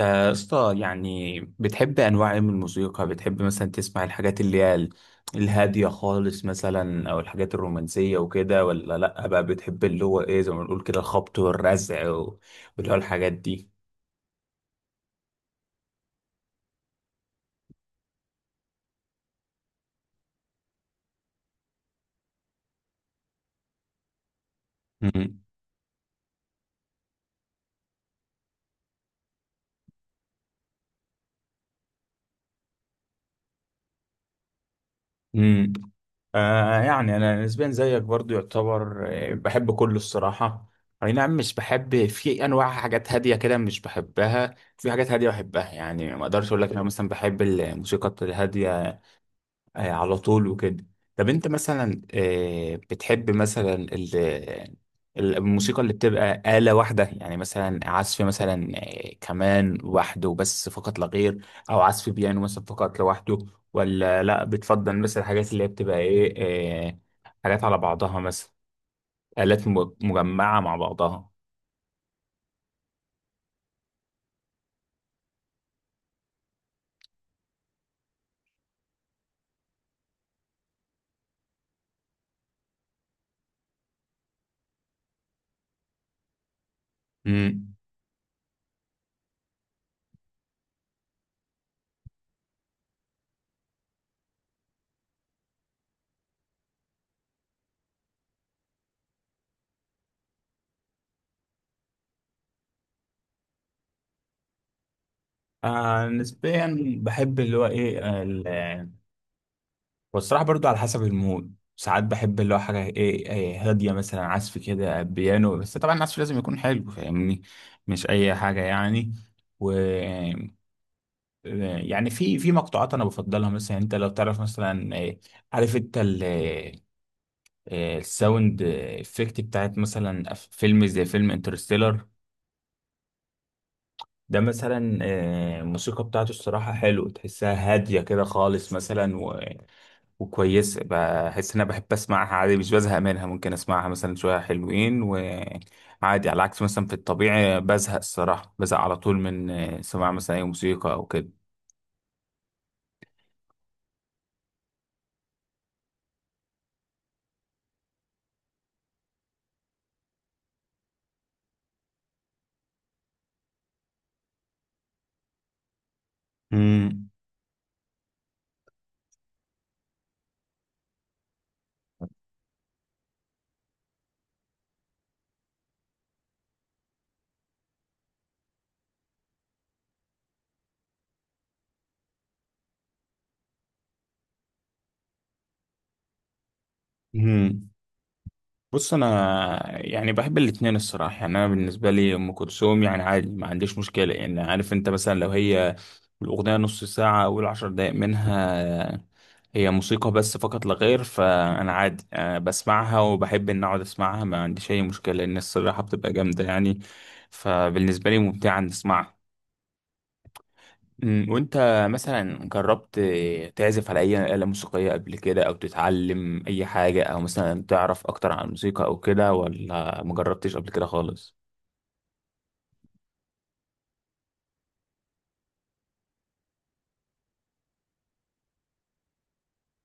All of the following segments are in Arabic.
يا اسطى، يعني بتحب انواع ايه من الموسيقى؟ بتحب مثلا تسمع الحاجات اللي هي الهاديه خالص مثلا او الحاجات الرومانسيه وكده، ولا لا بقى بتحب اللي هو ايه زي ما بنقول كده الخبط والرزع واللي هو الحاجات دي؟ مم. مم. يعني انا نسبيا زيك برضو، يعتبر بحب كله الصراحه. اي نعم، مش بحب في انواع حاجات هاديه كده، مش بحبها. في حاجات هاديه بحبها، يعني ما اقدرش اقول لك انا مثلا بحب الموسيقى الهاديه على طول وكده. طب انت مثلا، بتحب مثلا الموسيقى اللي بتبقى آلة واحدة؟ يعني مثلا عزف مثلا كمان وحده بس فقط لا غير، او عزف بيانو مثلا فقط لوحده، ولا لا بتفضل مثلا الحاجات اللي هي بتبقى ايه، آه، حاجات على بعضها مثلا، آلات مجمعة مع بعضها؟ امم. نسبيا بحب اللي هو ايه، والصراحة برضو على حسب المود. ساعات بحب اللي هو حاجة ايه إيه هادية، مثلا عزف كده بيانو بس. طبعا العزف لازم يكون حلو، فاهمني، مش أي حاجة يعني. و يعني في مقطوعات أنا بفضلها. مثلا أنت لو تعرف مثلا عارف أنت ال إيه، الساوند افكت بتاعت مثلا فيلم زي فيلم انترستيلر ده؟ مثلا الموسيقى بتاعته الصراحة حلو، تحسها هادية كده خالص مثلا، وكويس. بحس ان انا بحب اسمعها عادي، مش بزهق منها. ممكن اسمعها مثلا شويه حلوين وعادي، على عكس مثلا في الطبيعي بزهق الصراحه، بزهق على طول من سماع مثلا اي موسيقى او كده. مم. مم. بص، انا يعني بحب الاتنين الصراحه. يعني انا بالنسبه لي ام كلثوم يعني عادي، ما عنديش مشكله. يعني عارف انت مثلا، لو هي الاغنيه نص ساعه، اول 10 دقائق منها هي موسيقى بس فقط لا غير، فانا عادي أه بسمعها، وبحب ان اقعد اسمعها، ما عنديش اي مشكله، لان الصراحه بتبقى جامده يعني، فبالنسبه لي ممتعه ان اسمعها. وانت مثلا جربت تعزف على اي آلة موسيقية قبل كده، او تتعلم اي حاجة، او مثلا تعرف اكتر عن الموسيقى او كده، ولا ما جربتش قبل كده خالص؟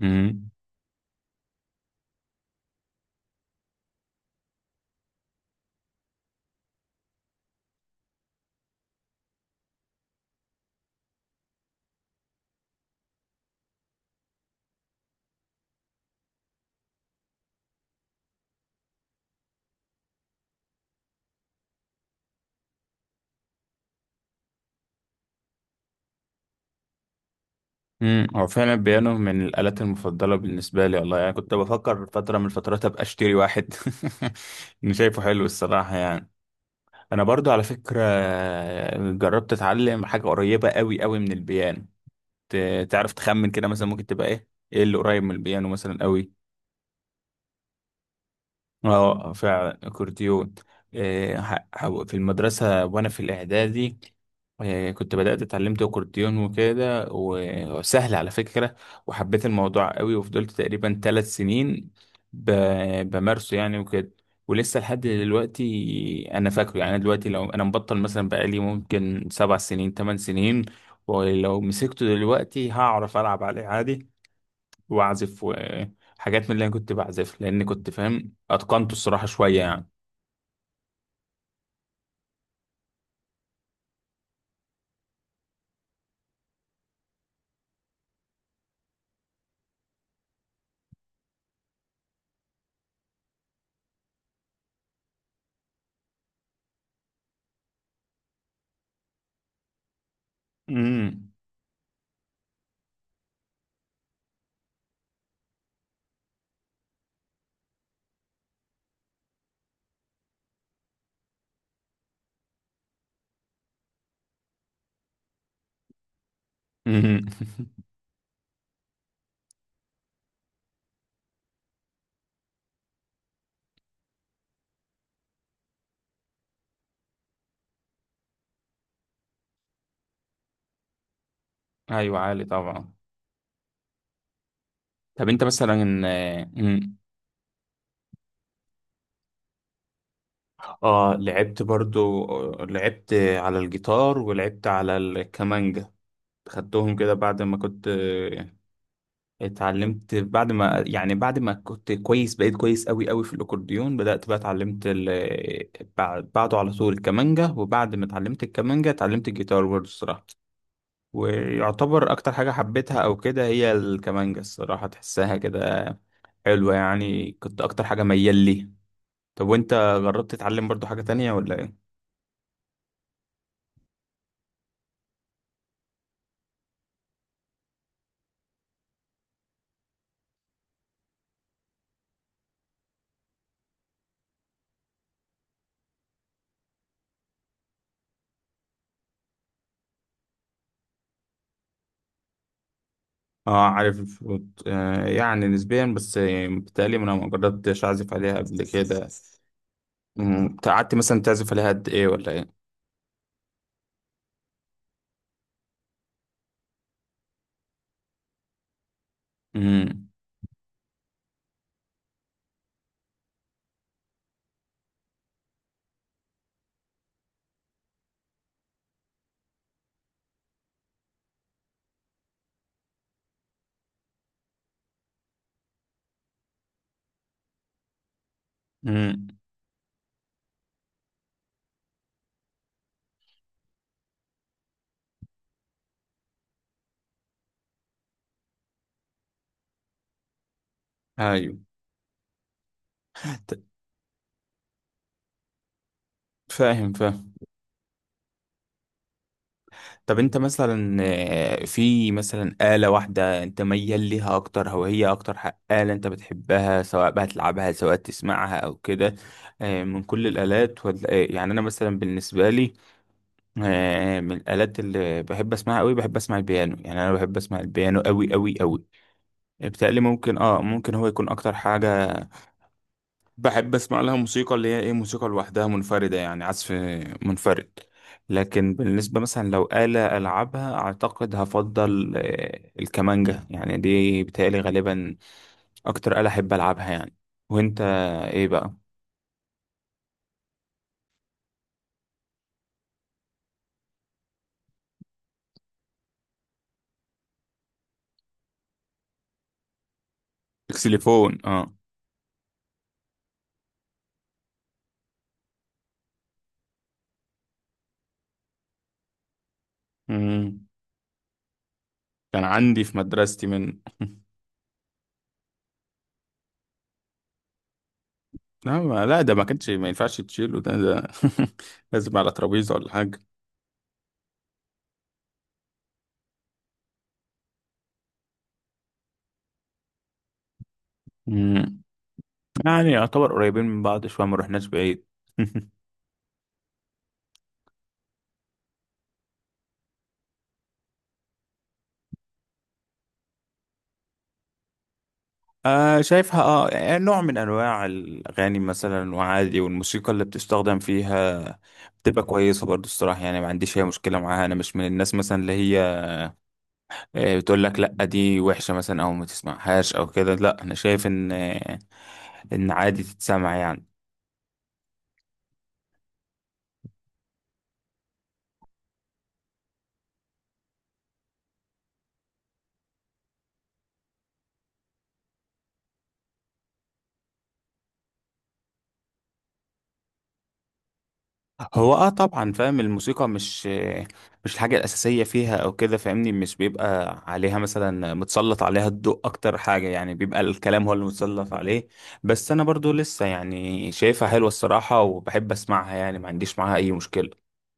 امم. امم، هو فعلا البيانو من الآلات المفضلة بالنسبة لي والله. يعني كنت بفكر فترة من الفترات ابقى اشتري واحد اني شايفه حلو الصراحة يعني. انا برضو على فكرة جربت اتعلم حاجة قريبة قوي قوي من البيانو. تعرف تخمن كده مثلا ممكن تبقى ايه؟ ايه اللي قريب من البيانو مثلا قوي؟ اه فعلا اكورديون. في المدرسة وانا في الاعدادي، كنت بدأت اتعلمت اكورديون وكده، وسهل على فكرة. وحبيت الموضوع قوي، وفضلت تقريبا 3 سنين بمارسه يعني وكده. ولسه لحد دلوقتي انا فاكره. يعني أنا دلوقتي لو انا مبطل مثلا بقالي ممكن 7 سنين 8 سنين، ولو مسكته دلوقتي هعرف العب عليه عادي واعزف وحاجات من اللي انا كنت بعزف، لان كنت فاهم اتقنته الصراحه شويه يعني. امم. امم. ايوه عالي طبعا. طب انت مثلا، اه لعبت برضو، لعبت على الجيتار ولعبت على الكمانجا. خدتهم كده بعد ما كنت اتعلمت، بعد ما يعني بعد ما كنت كويس، بقيت كويس قوي قوي في الاكورديون بدأت بقى اتعلمت بعده على طول الكمانجا، وبعد ما اتعلمت الكمانجا اتعلمت الجيتار برضو الصراحة. ويعتبر اكتر حاجة حبيتها او كده هي الكمانجة الصراحة، تحسها كده حلوة يعني، كنت اكتر حاجة ميال لي. طب وانت جربت تتعلم برضو حاجة تانية ولا ايه؟ اه عارف، يعني نسبيا بس، بتهيألي انا ما جربتش اعزف عليها قبل كده. قعدت مثلا تعزف عليها قد ايه ولا ايه؟ امم. امم. ايوه. ت- فاهم فاهم. طب انت مثلا، في مثلا آلة واحدة انت ميال ليها اكتر، او هي اكتر آلة انت بتحبها، سواء بقى تلعبها سواء تسمعها او كده، من كل الآلات ولا ايه؟ يعني انا مثلا بالنسبة لي، من الآلات اللي بحب اسمعها قوي بحب اسمع البيانو. يعني انا بحب اسمع البيانو قوي قوي قوي، بتقلي ممكن اه ممكن هو يكون اكتر حاجة بحب اسمع لها موسيقى اللي هي ايه، موسيقى لوحدها منفردة يعني، عزف منفرد. لكن بالنسبة مثلا لو آلة ألعبها، أعتقد هفضل الكمانجة. يعني دي بتهيألي غالبا أكتر آلة أحب ألعبها يعني. وأنت ايه بقى؟ اكسليفون اه. مم. كان عندي في مدرستي من لا، لا ده ما كانش ما ينفعش تشيله، ده ده لازم على ترابيزة ولا حاجة. مم. يعني يعتبر قريبين من بعض شوية، ما رحناش بعيد. آه شايفها، اه يعني نوع من انواع الاغاني مثلا وعادي، والموسيقى اللي بتستخدم فيها بتبقى كويسه برضو الصراحه. يعني ما عنديش اي مشكله معاها. انا مش من الناس مثلا اللي هي بتقول لك لا دي وحشه مثلا او ما تسمعهاش او كده. لا، انا شايف ان ان عادي تتسمع يعني. هو اه طبعا فاهم، الموسيقى مش مش الحاجة الأساسية فيها أو كده، فاهمني. مش بيبقى عليها مثلا متسلط عليها الضوء أكتر حاجة، يعني بيبقى الكلام هو اللي متسلط عليه. بس أنا برضو لسه يعني شايفها حلوة الصراحة، وبحب أسمعها، يعني ما عنديش معاها أي مشكلة.